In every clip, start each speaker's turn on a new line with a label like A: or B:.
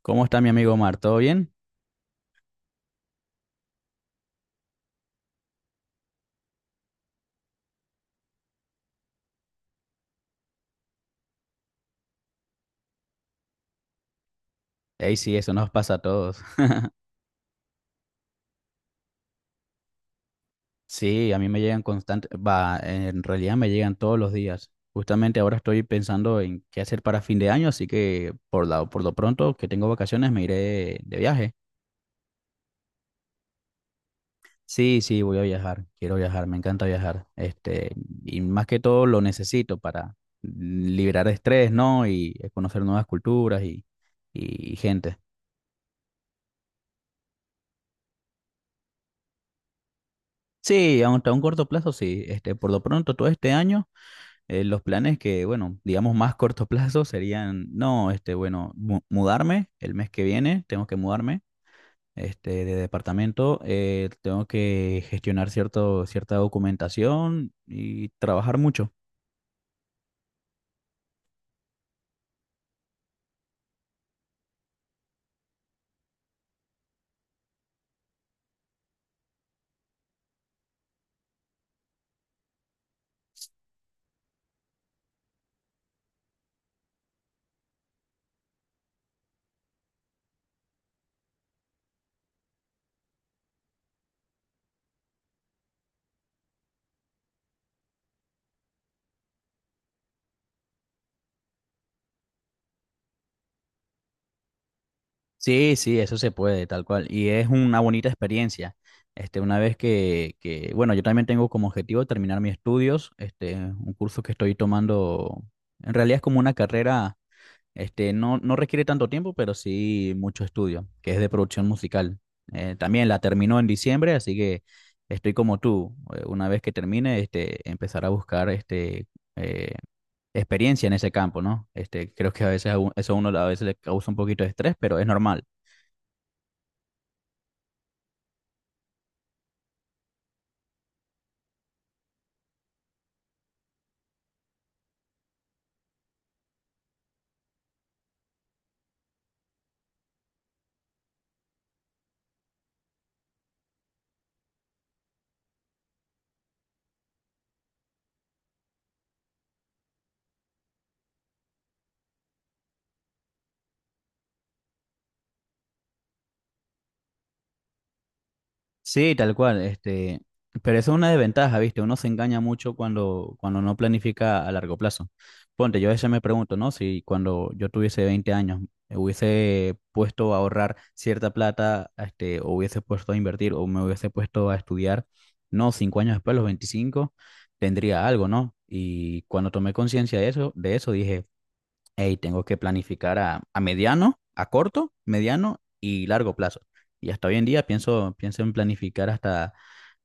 A: ¿Cómo está mi amigo Omar? ¿Todo bien? Ey, sí, eso nos pasa a todos. Sí, a mí me llegan constante, va, en realidad me llegan todos los días. Justamente ahora estoy pensando en qué hacer para fin de año, así que por lo pronto que tengo vacaciones me iré de viaje. Sí, sí, voy a viajar, quiero viajar, me encanta viajar. Y más que todo lo necesito para liberar estrés, ¿no? Y conocer nuevas culturas y gente. Sí, aunque a un corto plazo, sí. Por lo pronto todo este año. Los planes que, bueno, digamos más corto plazo serían, no, este, bueno, mudarme el mes que viene, tengo que mudarme, de departamento, tengo que gestionar cierta documentación y trabajar mucho. Sí, sí, eso se puede, tal cual. Y es una bonita experiencia. Este, una vez que, bueno, yo también tengo como objetivo terminar mis estudios, este, un curso que estoy tomando, en realidad es como una carrera. No requiere tanto tiempo, pero sí mucho estudio, que es de producción musical. También la terminó en diciembre, así que estoy como tú. Una vez que termine, este, empezar a buscar eh, experiencia en ese campo, ¿no? Este, creo que a veces a u- eso a uno a veces le causa un poquito de estrés, pero es normal. Sí, tal cual, este, pero eso es una desventaja, ¿viste? Uno se engaña mucho cuando no planifica a largo plazo. Ponte, yo a veces me pregunto, ¿no? Si cuando yo tuviese 20 años me hubiese puesto a ahorrar cierta plata, este, o hubiese puesto a invertir, o me hubiese puesto a estudiar, no, cinco años después, a los 25, tendría algo, ¿no? Y cuando tomé conciencia de eso, dije, hey, tengo que planificar a mediano, a corto, mediano y largo plazo. Y hasta hoy en día pienso en planificar hasta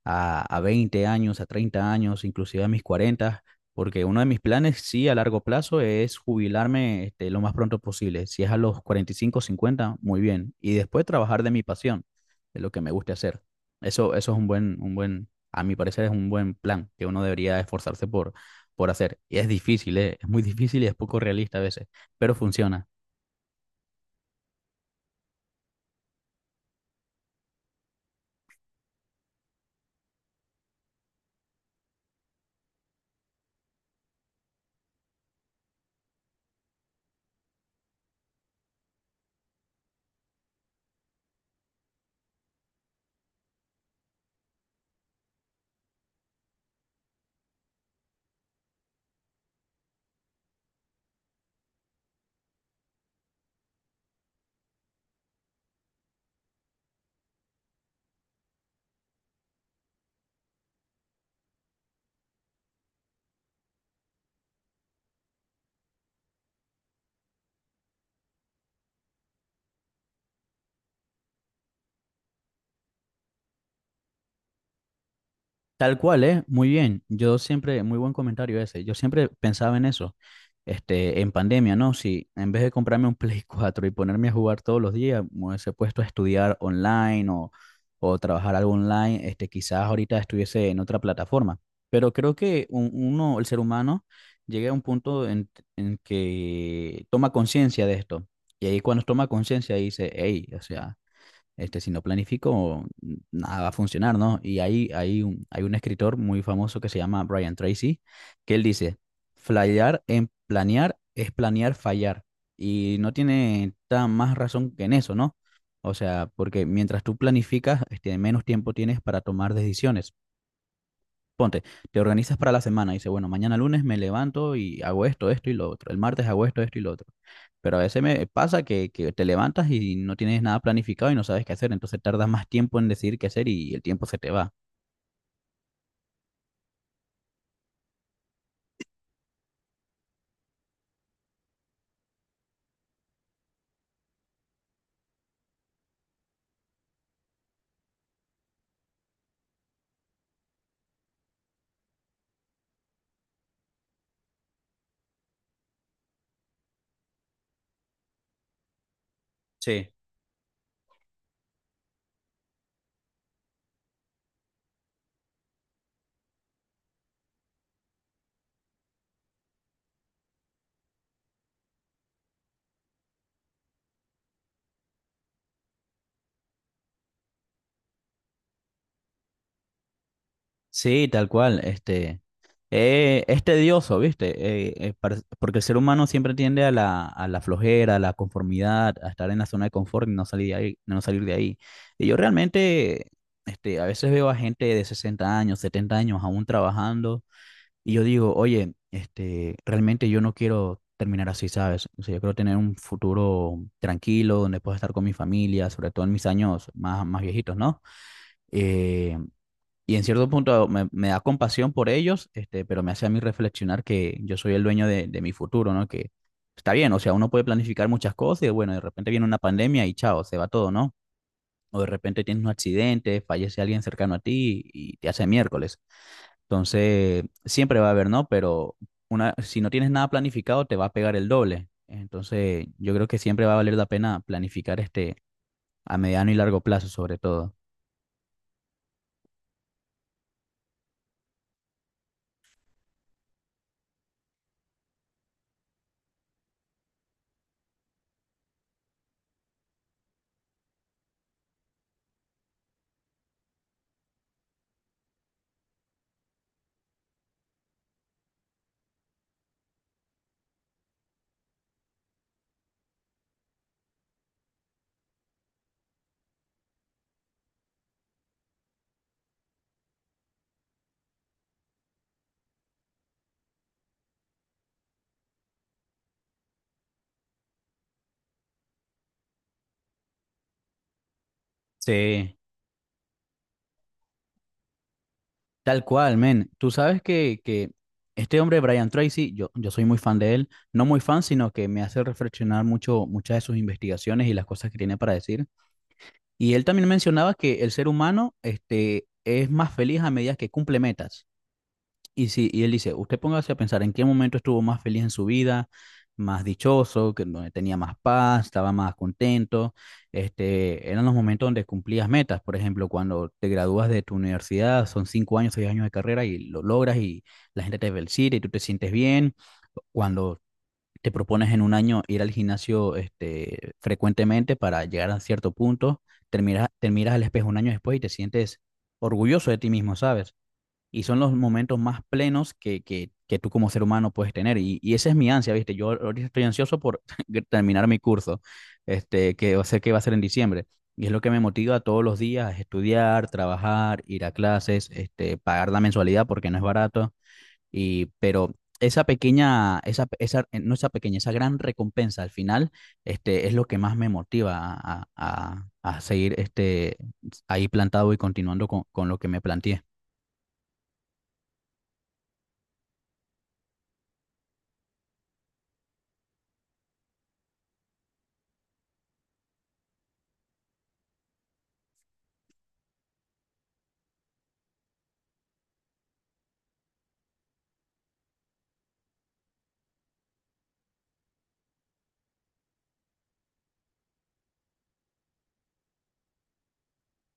A: a 20 años, a 30 años, inclusive a mis 40, porque uno de mis planes, sí, a largo plazo es jubilarme este, lo más pronto posible. Si es a los 45 50 muy bien. Y después trabajar de mi pasión, de lo que me guste hacer. Eso, un buen, a mi parecer es un buen plan que uno debería esforzarse por hacer. Y es difícil, ¿eh? Es muy difícil y es poco realista a veces, pero funciona. Tal cual, ¿eh? Muy bien. Yo siempre, muy buen comentario ese. Yo siempre pensaba en eso, este, en pandemia, ¿no? Si en vez de comprarme un Play 4 y ponerme a jugar todos los días, me hubiese puesto a estudiar online o trabajar algo online, este, quizás ahorita estuviese en otra plataforma. Pero creo que uno, el ser humano, llega a un punto en que toma conciencia de esto. Y ahí cuando toma conciencia dice, hey, o sea... Este, si no planifico, nada va a funcionar, ¿no? Y ahí hay hay un escritor muy famoso que se llama Brian Tracy, que él dice, fallar en planear es planear fallar. Y no tiene tan más razón que en eso, ¿no? O sea, porque mientras tú planificas, este, menos tiempo tienes para tomar decisiones. Ponte, te organizas para la semana, dice, bueno, mañana lunes me levanto y hago esto, esto y lo otro, el martes hago esto, esto y lo otro. Pero a veces me pasa que te levantas y no tienes nada planificado y no sabes qué hacer, entonces tardas más tiempo en decidir qué hacer y el tiempo se te va. Sí, sí, tal cual. Es tedioso, ¿viste? Porque el ser humano siempre tiende a a la flojera, a la conformidad, a estar en la zona de confort y no salir de ahí, no salir de ahí. Y yo realmente, este, a veces veo a gente de 60 años, 70 años aún trabajando y yo digo, oye, este, realmente yo no quiero terminar así, ¿sabes? O sea, yo quiero tener un futuro tranquilo donde pueda estar con mi familia, sobre todo en mis años más, más viejitos, ¿no? Eh, y en cierto punto me da compasión por ellos, este, pero me hace a mí reflexionar que yo soy el dueño de mi futuro, ¿no? Que está bien, o sea, uno puede planificar muchas cosas y bueno, de repente viene una pandemia y chao, se va todo, ¿no? O de repente tienes un accidente, fallece alguien cercano a ti y te hace miércoles. Entonces, siempre va a haber, ¿no? Pero una, si no tienes nada planificado, te va a pegar el doble. Entonces, yo creo que siempre va a valer la pena planificar este a mediano y largo plazo, sobre todo. Sí. Tal cual, men. Tú sabes que este hombre, Brian Tracy, yo soy muy fan de él. No muy fan, sino que me hace reflexionar mucho muchas de sus investigaciones y las cosas que tiene para decir. Y él también mencionaba que el ser humano, este, es más feliz a medida que cumple metas. Y sí, y él dice, usted póngase a pensar en qué momento estuvo más feliz en su vida, más dichoso, que donde tenía más paz, estaba más contento. Este, eran los momentos donde cumplías metas. Por ejemplo, cuando te gradúas de tu universidad, son cinco años, seis años de carrera y lo logras y la gente te felicita y tú te sientes bien. Cuando te propones en un año ir al gimnasio, este, frecuentemente para llegar a cierto punto, te miras al espejo un año después y te sientes orgulloso de ti mismo, ¿sabes? Y son los momentos más plenos que tú como ser humano puedes tener. Y esa es mi ansia, ¿viste? Yo ahorita estoy ansioso por terminar mi curso, este, que va a ser en diciembre. Y es lo que me motiva todos los días, es estudiar, trabajar, ir a clases, este, pagar la mensualidad porque no es barato. Y, pero esa pequeña, esa, no esa pequeña, esa gran recompensa al final, este, es lo que más me motiva a seguir este, ahí plantado y continuando con lo que me planteé.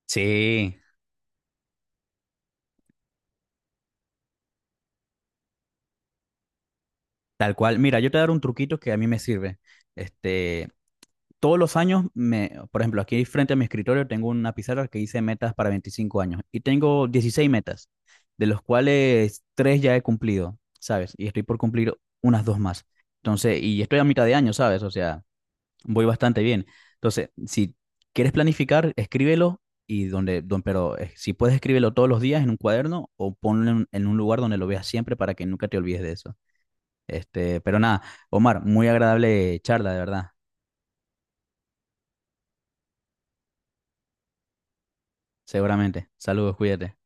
A: Sí, tal cual. Mira, yo te daré un truquito que a mí me sirve. Este, todos los años, me, por ejemplo, aquí frente a mi escritorio tengo una pizarra que hice metas para 25 años y tengo 16 metas, de los cuales tres ya he cumplido, ¿sabes? Y estoy por cumplir unas dos más. Entonces, y estoy a mitad de año, ¿sabes? O sea, voy bastante bien. Entonces, si quieres planificar, escríbelo y pero si puedes escríbelo todos los días en un cuaderno o ponlo en un lugar donde lo veas siempre para que nunca te olvides de eso. Este, pero nada, Omar, muy agradable charla, de verdad. Seguramente. Saludos, cuídate.